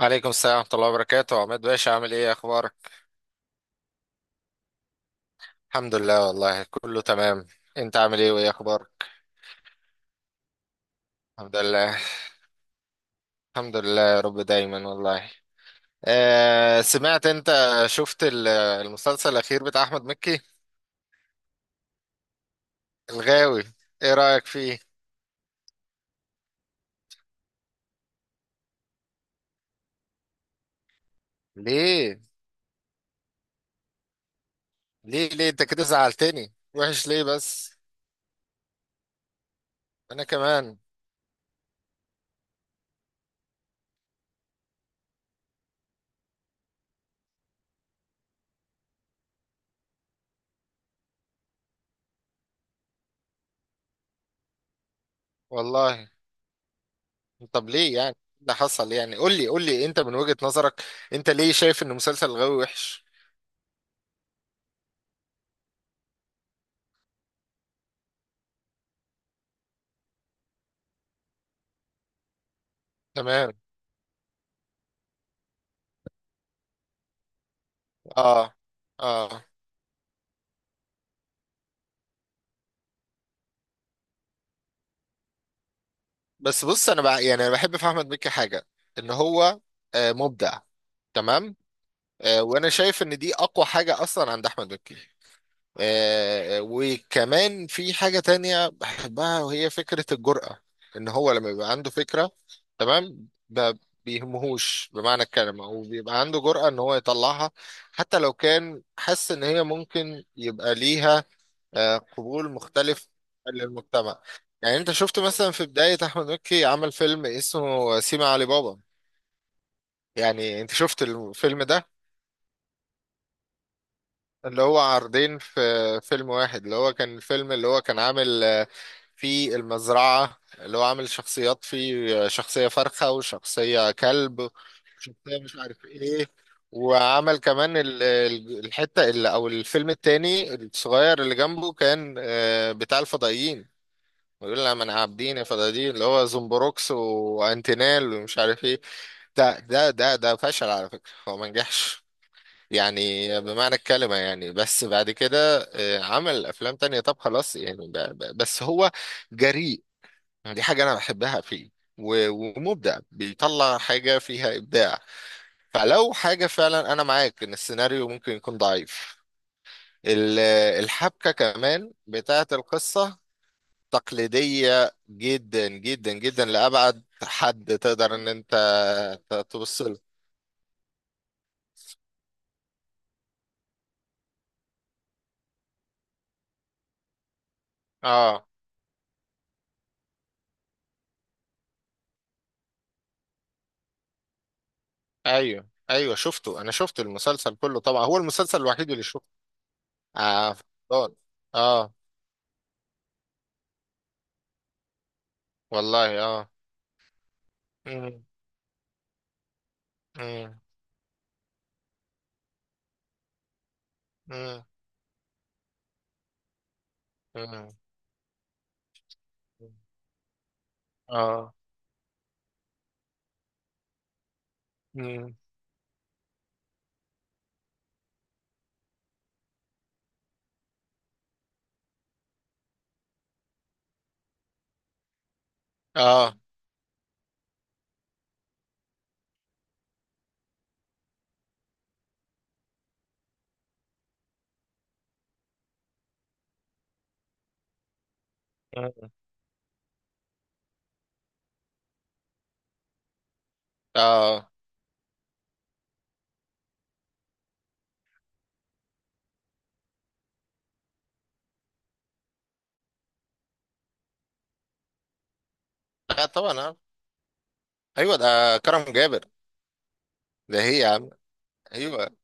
عليكم السلام ورحمة الله وبركاته، عماد باشا، عامل ايه؟ اخبارك؟ الحمد لله، والله كله تمام. انت عامل ايه وايه اخبارك؟ الحمد لله. الحمد لله، يا رب دايما والله. سمعت، انت شفت المسلسل الاخير بتاع احمد مكي؟ الغاوي، ايه رأيك فيه؟ ليه ليه انت كده زعلتني؟ وحش ليه بس؟ انا كمان. والله. طب ليه يعني؟ إيه اللي حصل يعني؟ قول لي، قول لي انت من وجهة نظرك، انت ليه شايف ان مسلسل الغاوي وحش؟ تمام. اه. اه. بس بص، انا بقى يعني انا بحب في احمد مكي حاجه، ان هو مبدع. تمام. وانا شايف ان دي اقوى حاجه اصلا عند احمد مكي. وكمان في حاجه تانية بحبها، وهي فكره الجرأه. ان هو لما بيبقى عنده فكره، تمام، ما بيهمهوش بمعنى الكلمه، وبيبقى عنده جرأه ان هو يطلعها، حتى لو كان حس ان هي ممكن يبقى ليها قبول مختلف للمجتمع. يعني انت شفت مثلا في بداية احمد مكي عمل فيلم اسمه سيما علي بابا؟ يعني انت شفت الفيلم ده؟ اللي هو عرضين في فيلم واحد، اللي هو كان الفيلم اللي هو كان عامل، فيه المزرعة اللي هو عامل شخصيات فيه، شخصية فرخة وشخصية كلب وشخصية مش عارف ايه. وعمل كمان الحتة، اللي او الفيلم التاني الصغير اللي جنبه، كان بتاع الفضائيين، ويقول لها ما انا عابدين فدادين اللي هو زومبروكس وانتينال ومش عارف ايه. ده فشل على فكرة، هو ما نجحش يعني بمعنى الكلمة يعني. بس بعد كده عمل أفلام تانية. طب خلاص يعني، بس هو جريء. دي حاجة أنا بحبها فيه. ومبدع، بيطلع حاجة فيها إبداع. فلو حاجة فعلا أنا معاك إن السيناريو ممكن يكون ضعيف. ال- الحبكة كمان بتاعة القصة تقليدية جدا جدا جدا لأبعد حد تقدر إن أنت توصله. اه، ايوه، ايوه، شفته. انا شفت المسلسل كله طبعا، هو المسلسل الوحيد اللي شفته. اه. فضل. اه، والله، اه. مم. مم. مم. مم. اه. مم. اه. مم. اه، لا طبعا آه. ايوه، ده كرم جابر. ده هي يا عم. ايوه.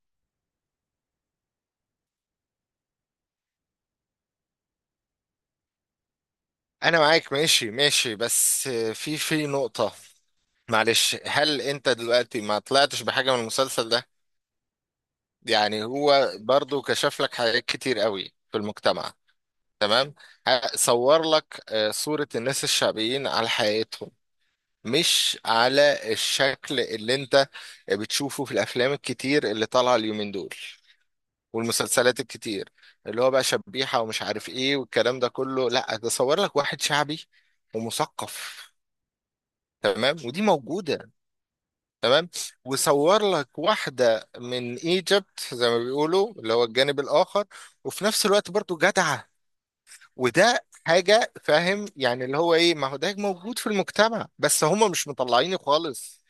انا معاك، ماشي ماشي، بس في نقطة. معلش، هل انت دلوقتي ما طلعتش بحاجة من المسلسل ده؟ يعني هو برضو كشف لك حاجات كتير قوي في المجتمع. تمام. صور لك صورة الناس الشعبيين على حياتهم، مش على الشكل اللي انت بتشوفه في الافلام الكتير اللي طالعة اليومين دول، والمسلسلات الكتير اللي هو بقى شبيحة ومش عارف ايه والكلام ده كله. لا، ده صور لك واحد شعبي ومثقف. تمام، ودي موجودة. تمام، وصور لك واحدة من ايجيبت زي ما بيقولوا، اللي هو الجانب الآخر، وفي نفس الوقت برضو جدعة. وده حاجة فاهم يعني، اللي هو ايه، ما هو ده موجود في المجتمع، بس هما مش مطلعينه خالص.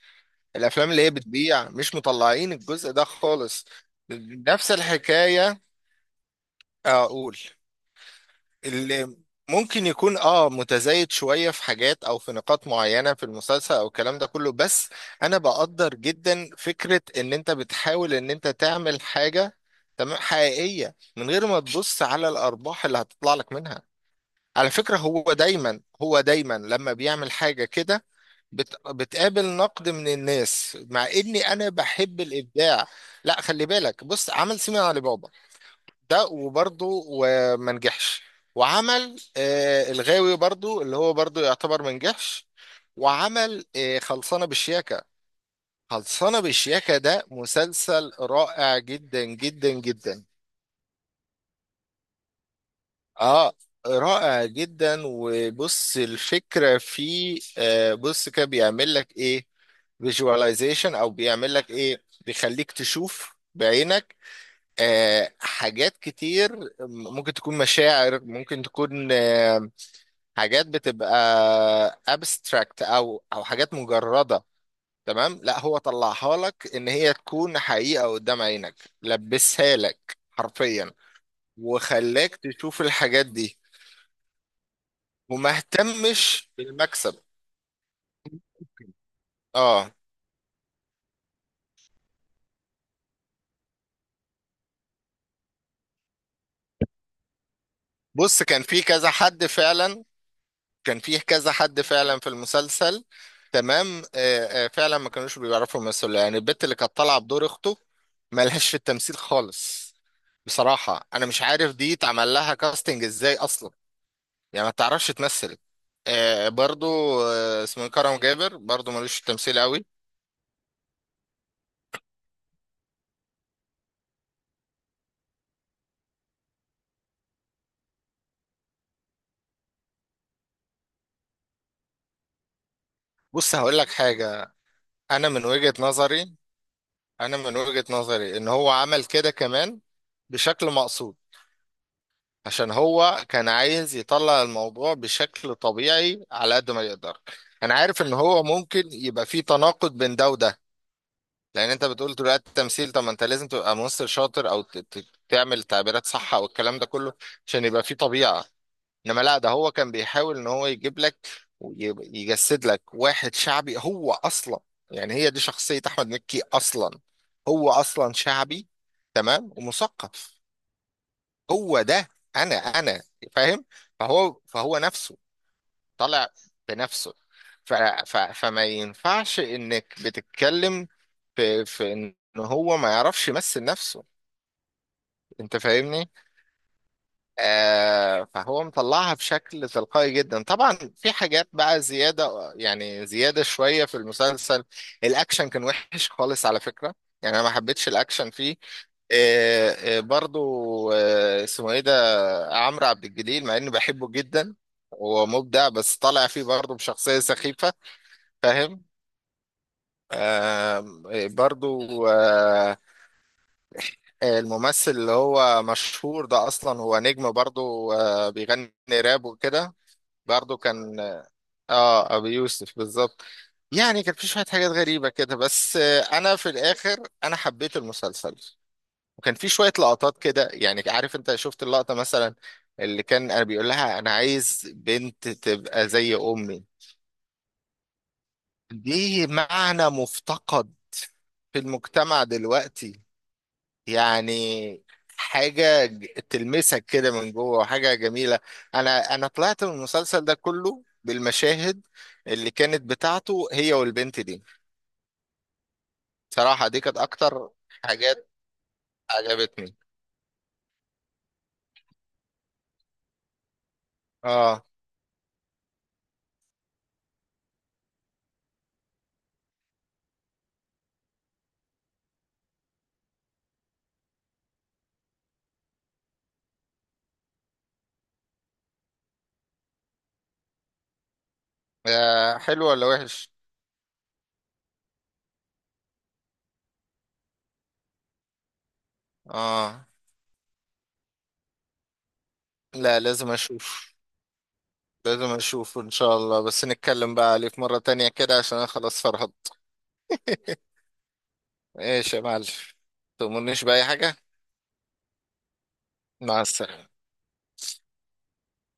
الأفلام اللي هي بتبيع مش مطلعين الجزء ده خالص. نفس الحكاية أقول، اللي ممكن يكون اه متزايد شوية في حاجات او في نقاط معينة في المسلسل او الكلام ده كله، بس انا بقدر جدا فكرة ان انت بتحاول ان انت تعمل حاجة تمام حقيقية، من غير ما تبص على الارباح اللي هتطلع لك منها. على فكرة هو دايما لما بيعمل حاجة كده بتقابل نقد من الناس، مع اني انا بحب الابداع. لا خلي بالك، بص عمل سيمي علي بابا، ده وبرضه وما نجحش. وعمل الغاوي برضه، اللي هو برضه يعتبر ما نجحش. وعمل خلصانة بالشياكة. خلصانة بالشياكة ده مسلسل رائع جدا جدا جدا. اه، رائع جدا. وبص الفكرة فيه، بص كده بيعمل لك ايه؟ فيجواليزيشن، او بيعمل لك ايه، بيخليك تشوف بعينك حاجات كتير، ممكن تكون مشاعر، ممكن تكون حاجات بتبقى abstract، او حاجات مجرده. تمام، لا هو طلعها لك ان هي تكون حقيقه قدام عينك، لبسها لك حرفيا، وخلاك تشوف الحاجات دي، وما اهتمش بالمكسب. اه. بص كان في كذا حد فعلا، كان فيه كذا حد فعلا في المسلسل. تمام. فعلا ما كانوش بيعرفوا يمثلوا. يعني البت اللي كانت طالعه بدور اخته مالهاش في التمثيل خالص. بصراحه انا مش عارف دي اتعمل لها كاستنج ازاي اصلا، يعني ما تعرفش تمثل. برضو آه، اسمه إيه، كرم جابر برضو ملوش في التمثيل قوي. بص هقول لك حاجه، انا من وجهه نظري انا من وجهه نظري ان هو عمل كده كمان بشكل مقصود، عشان هو كان عايز يطلع الموضوع بشكل طبيعي على قد ما يقدر. انا عارف ان هو ممكن يبقى فيه تناقض بين ده وده، لان انت بتقول دلوقتي التمثيل، طب ما انت لازم تبقى ممثل شاطر او تعمل تعبيرات صح او الكلام ده كله، عشان يبقى فيه طبيعة. انما لا، ده هو كان بيحاول ان هو يجيب لك ويجسد لك واحد شعبي هو اصلا. يعني هي دي شخصية احمد مكي اصلا، هو اصلا شعبي، تمام، ومثقف. هو ده. انا فاهم. فهو نفسه، طالع بنفسه. ف ف فما ينفعش انك بتتكلم في ان هو ما يعرفش يمثل نفسه، انت فاهمني؟ فهو مطلعها بشكل تلقائي جدا. طبعا في حاجات بقى زيادة، يعني زيادة شوية في المسلسل. الاكشن كان وحش خالص على فكرة، يعني انا ما حبيتش الاكشن فيه. آه، برضو آه، اسمه ايه ده عمرو عبد الجليل، مع اني بحبه جدا ومبدع، بس طالع فيه برضه بشخصية سخيفة. فاهم؟ آم، برضه آه، الممثل اللي هو مشهور ده اصلا هو نجم برضه، بيغني راب وكده. برضه كان اه ابي يوسف بالظبط. يعني كان في شوية حاجات غريبة كده، بس انا في الاخر انا حبيت المسلسل. وكان في شوية لقطات كده يعني، عارف انت شفت اللقطة مثلا اللي كان انا بيقول لها انا عايز بنت تبقى زي امي؟ دي معنى مفتقد في المجتمع دلوقتي، يعني حاجة تلمسك كده من جوه، وحاجة جميلة. أنا طلعت من المسلسل ده كله بالمشاهد اللي كانت بتاعته هي والبنت دي. صراحة دي كانت أكتر حاجات عجبتني. آه. حلو ولا وحش؟ آه، لا، لازم اشوف. لازم اشوف ان شاء الله. بس نتكلم بقى عليه في مرة تانية كده، عشان انا خلاص فرهضت. ايش يا معلم؟ تؤمرنيش بأي حاجة. مع السلامة.